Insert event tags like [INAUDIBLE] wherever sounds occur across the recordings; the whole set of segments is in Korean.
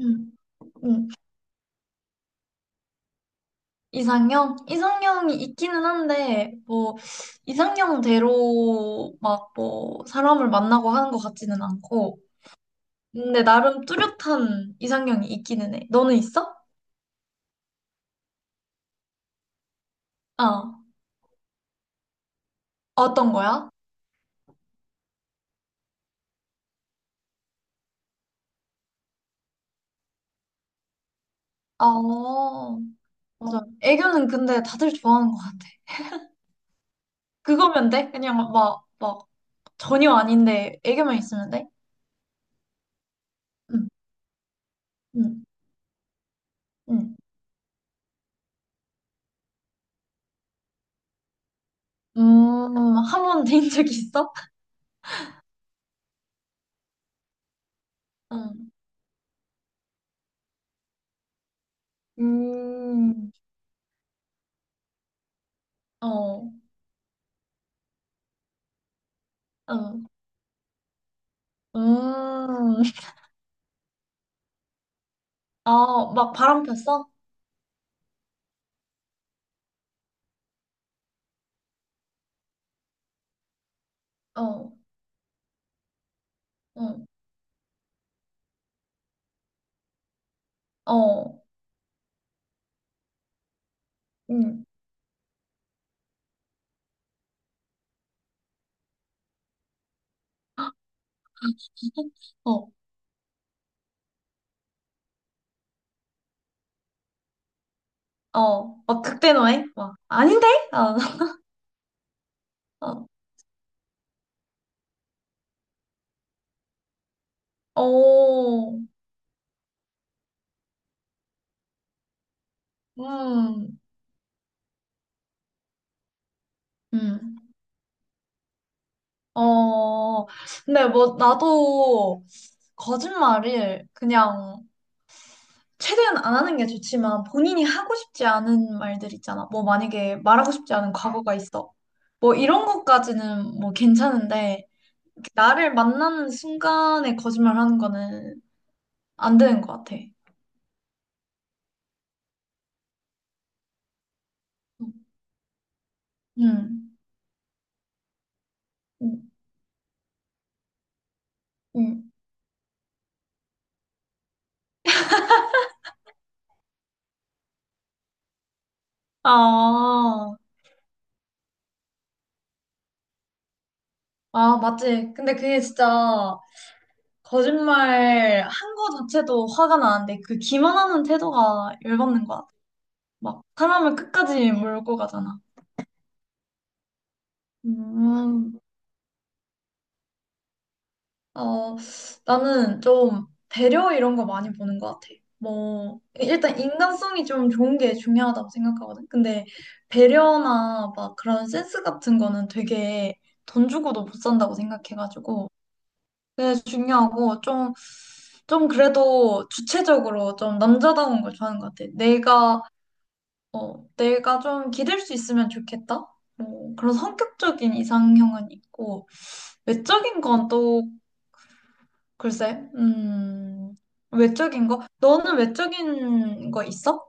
음, 음. 이상형? 이상형이 있기는 한데, 뭐, 이상형대로 막 뭐, 사람을 만나고 하는 것 같지는 않고, 근데 나름 뚜렷한 이상형이 있기는 해. 너는 있어? 어. 어떤 거야? 어, 맞아. 애교는 근데 다들 좋아하는 것 같아. 그거면 돼? 그냥 막, 전혀 아닌데, 애교만 있으면 돼? 응, 응, 응. 한 번 데인 적이 있어? [LAUGHS] 응. 음. 어. 어. 음. 아, 막 바람 폈어? 어, 응, 어, 응, 어, 어, 막 극대노해? 막, 아닌데? 어, [LAUGHS] 어, 어, 음, 음, 어, 근데 뭐, 나도 거짓말을 그냥 최대한 안 하는 게 좋지만 본인이 하고 싶지 않은 말들 있잖아. 뭐, 만약에 말하고 싶지 않은 과거가 있어. 뭐, 이런 것까지는 뭐 괜찮은데, 나를 만나는 순간에 거짓말하는 거는 안 되는 것 같아. 응, 응, 응. 아, 아, 맞지. 근데 그게 진짜 거짓말 한 거 자체도 화가 나는데 그 기만하는 태도가 열받는 것 같아. 막 사람을 끝까지 몰고 가잖아. 음. 어, 나는 좀 배려 이런 거 많이 보는 것 같아. 뭐, 일단 인간성이 좀 좋은 게 중요하다고 생각하거든. 근데 배려나 막 그런 센스 같은 거는 되게 돈 주고도 못 산다고 생각해가지고. 그게 중요하고 좀, 그래도 주체적으로 좀 남자다운 걸 좋아하는 것 같아. 내가, 어, 내가 좀 기댈 수 있으면 좋겠다. 뭐 그런 성격적인 이상형은 있고, 외적인 건또 글쎄, 외적인 거? 너는 외적인 거 있어?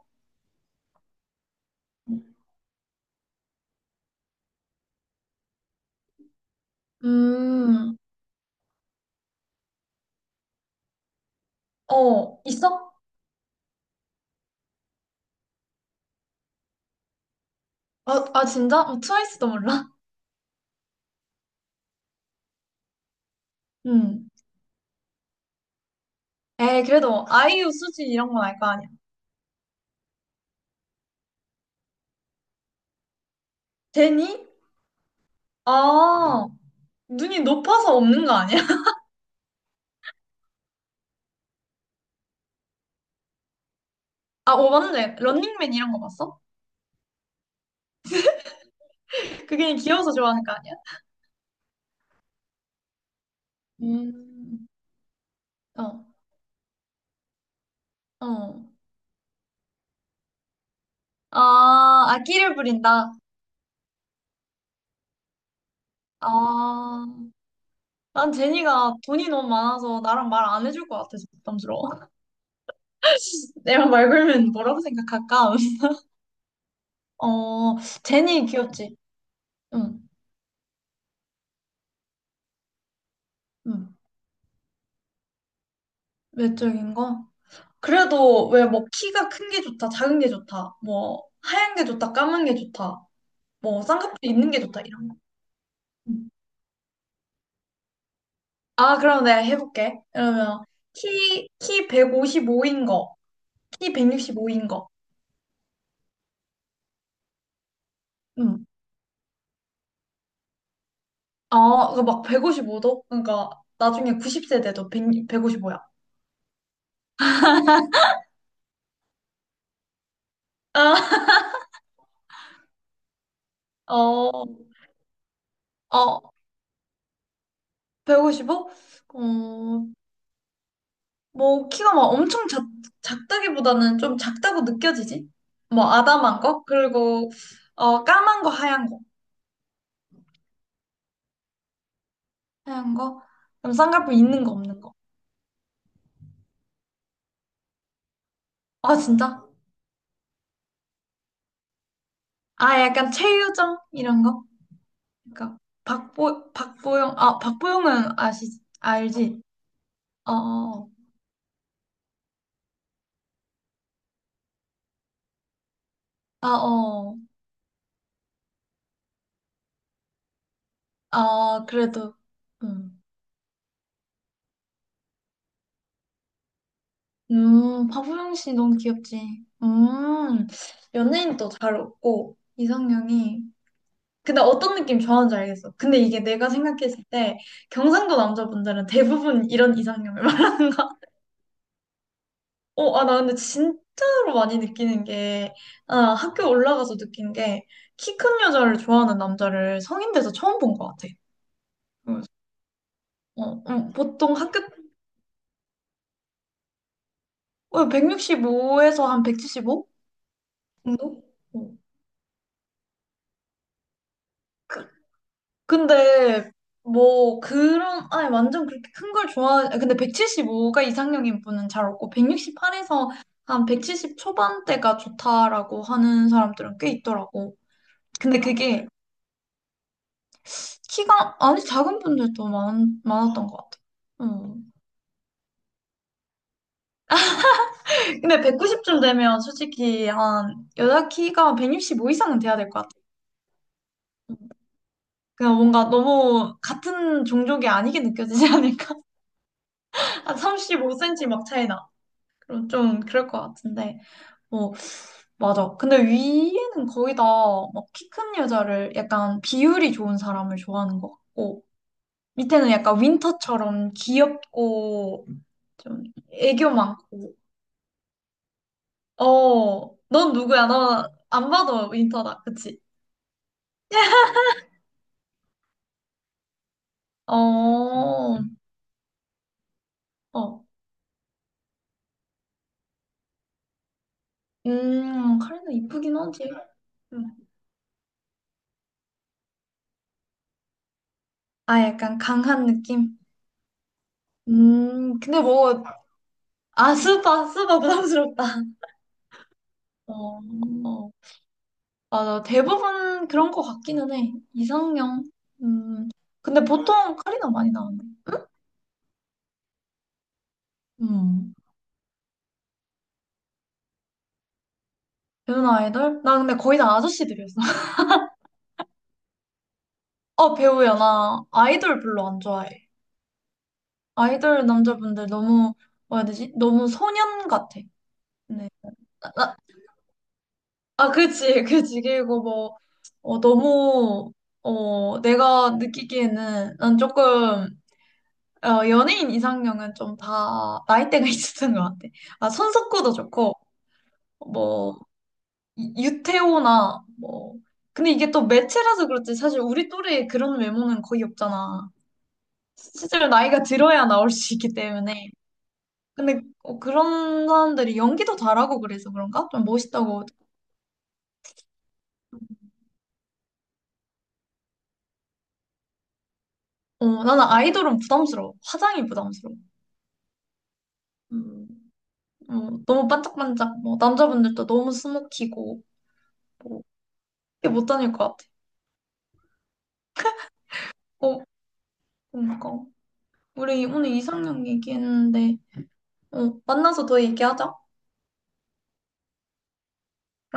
음, 어, 있어? 아, 아 진짜? 어, 트와이스도 몰라? [LAUGHS] 음. 에이, 그래도 아이유, 수지 이런 건 알 거 아니야. 제니? 아, 눈이 높아서 없는 거 아니야? [LAUGHS] 아, 어, 맞네. 런닝맨 이런 거 봤어? 그게 귀여워서 좋아하는 거 아니야? 음, 어, 어. 아, 아기를 부린다. 아, 난 제니가 돈이 너무 많아서 나랑 말 안 해줄 것 같아서 부담스러워. 내가 말 걸면 뭐라고 생각할까? [LAUGHS] 어, 제니 귀엽지? 응, 응. 외적인 거? 그래도 왜 뭐 키가 큰 게 좋다, 작은 게 좋다, 뭐 하얀 게 좋다, 까만 게 좋다, 뭐 쌍꺼풀 있는 게 좋다 이런 거. 응. 아, 그럼 내가 해볼게. 그러면 키 155인 거, 키 165인 거. 응. 아, 그막 155도? 그러니까 나중에 90세 돼도 1 155야. 아, [LAUGHS] 어, 어, 155? 어, 뭐 키가 막 엄청 작다기보다는 좀 작다고 느껴지지? 뭐 아담한 거? 그리고 까만 거 하얀 거 하얀 거? 그럼 쌍꺼풀 있는 거 없는 거? 아 진짜? 아 약간 최유정 이런 거? 그러니까 박보영 아 박보영은 아시 알지? 어어어어. 아, 어. 아 그래도 음. 박보영 씨 너무 귀엽지? 연예인도 잘 웃고 이상형이 근데 어떤 느낌 좋아하는지 알겠어. 근데 이게 내가 생각했을 때 경상도 남자분들은 대부분 이런 이상형을 [LAUGHS] 말하는 거야. 어, 아, 나 근데 진짜로 많이 느끼는 게, 아, 학교 올라가서 느낀 게, 키 큰 여자를 좋아하는 남자를 성인 돼서 처음 본 것 같아. 그래서, 보통 165에서 한 175 정도? 어. 근데 뭐 그런 아니 완전 그렇게 큰 걸 좋아하 근데 175가 이상형인 분은 잘 없고 168에서 한 170 초반대가 좋다라고 하는 사람들은 꽤 있더라고. 근데 그게 키가 아니 작은 분들도 많 많았던 것 같아. 음. 근데 190쯤 되면 솔직히 한 여자 키가 165 이상은 돼야 될 것 같아. 음. 그냥 뭔가 너무 같은 종족이 아니게 느껴지지 않을까? [LAUGHS] 한 35 cm 막 차이 나. 그럼 좀 그럴 것 같은데. 어, 맞아. 근데 위에는 거의 다막키 큰 여자를 약간 비율이 좋은 사람을 좋아하는 것 같고, 밑에는 약간 윈터처럼 귀엽고, 좀 애교 많고. 어, 넌 누구야? 너 안 봐도 윈터다. 그치? 어, 어. 카리나 이쁘긴 하지. 음. 아, 약간 강한 느낌? 근데 뭐, 아, 스파 부담스럽다. 어. 맞아. 대부분 그런 거 같기는 해. 이상형. 음. 근데 보통 카리나 많이 나왔네. 음. 배우나 아이돌? 나 근데 거의 다 아저씨들이었어. [LAUGHS] 어, 배우야. 나 아이돌 별로 안 좋아해. 아이돌 남자분들 너무, 뭐라 해야 되지? 너무 소년 같아. 네. 아, 아, 아, 그치. [LAUGHS] 그치. 그리고 뭐, 너무, 내가 느끼기에는 난 조금, 연예인 이상형은 좀 다 나이대가 [LAUGHS] 있었던 것 같아. 아, 손석구도 좋고, 뭐, 유태오나 뭐 근데 이게 또 매체라서 그렇지 사실 우리 또래에 그런 외모는 거의 없잖아. 실제로 나이가 들어야 나올 수 있기 때문에 근데 그런 사람들이 연기도 잘하고 그래서 그런가? 좀 멋있다고. 어, 나는 아이돌은 부담스러워. 화장이 부담스러워. 음, 어, 너무 반짝반짝 뭐 남자분들도 너무 스모키고 뭐 이게 못 다닐 것 같아. 어 그러니까 우리 오늘 이상형 얘기했는데 어, 만나서 더 얘기하자.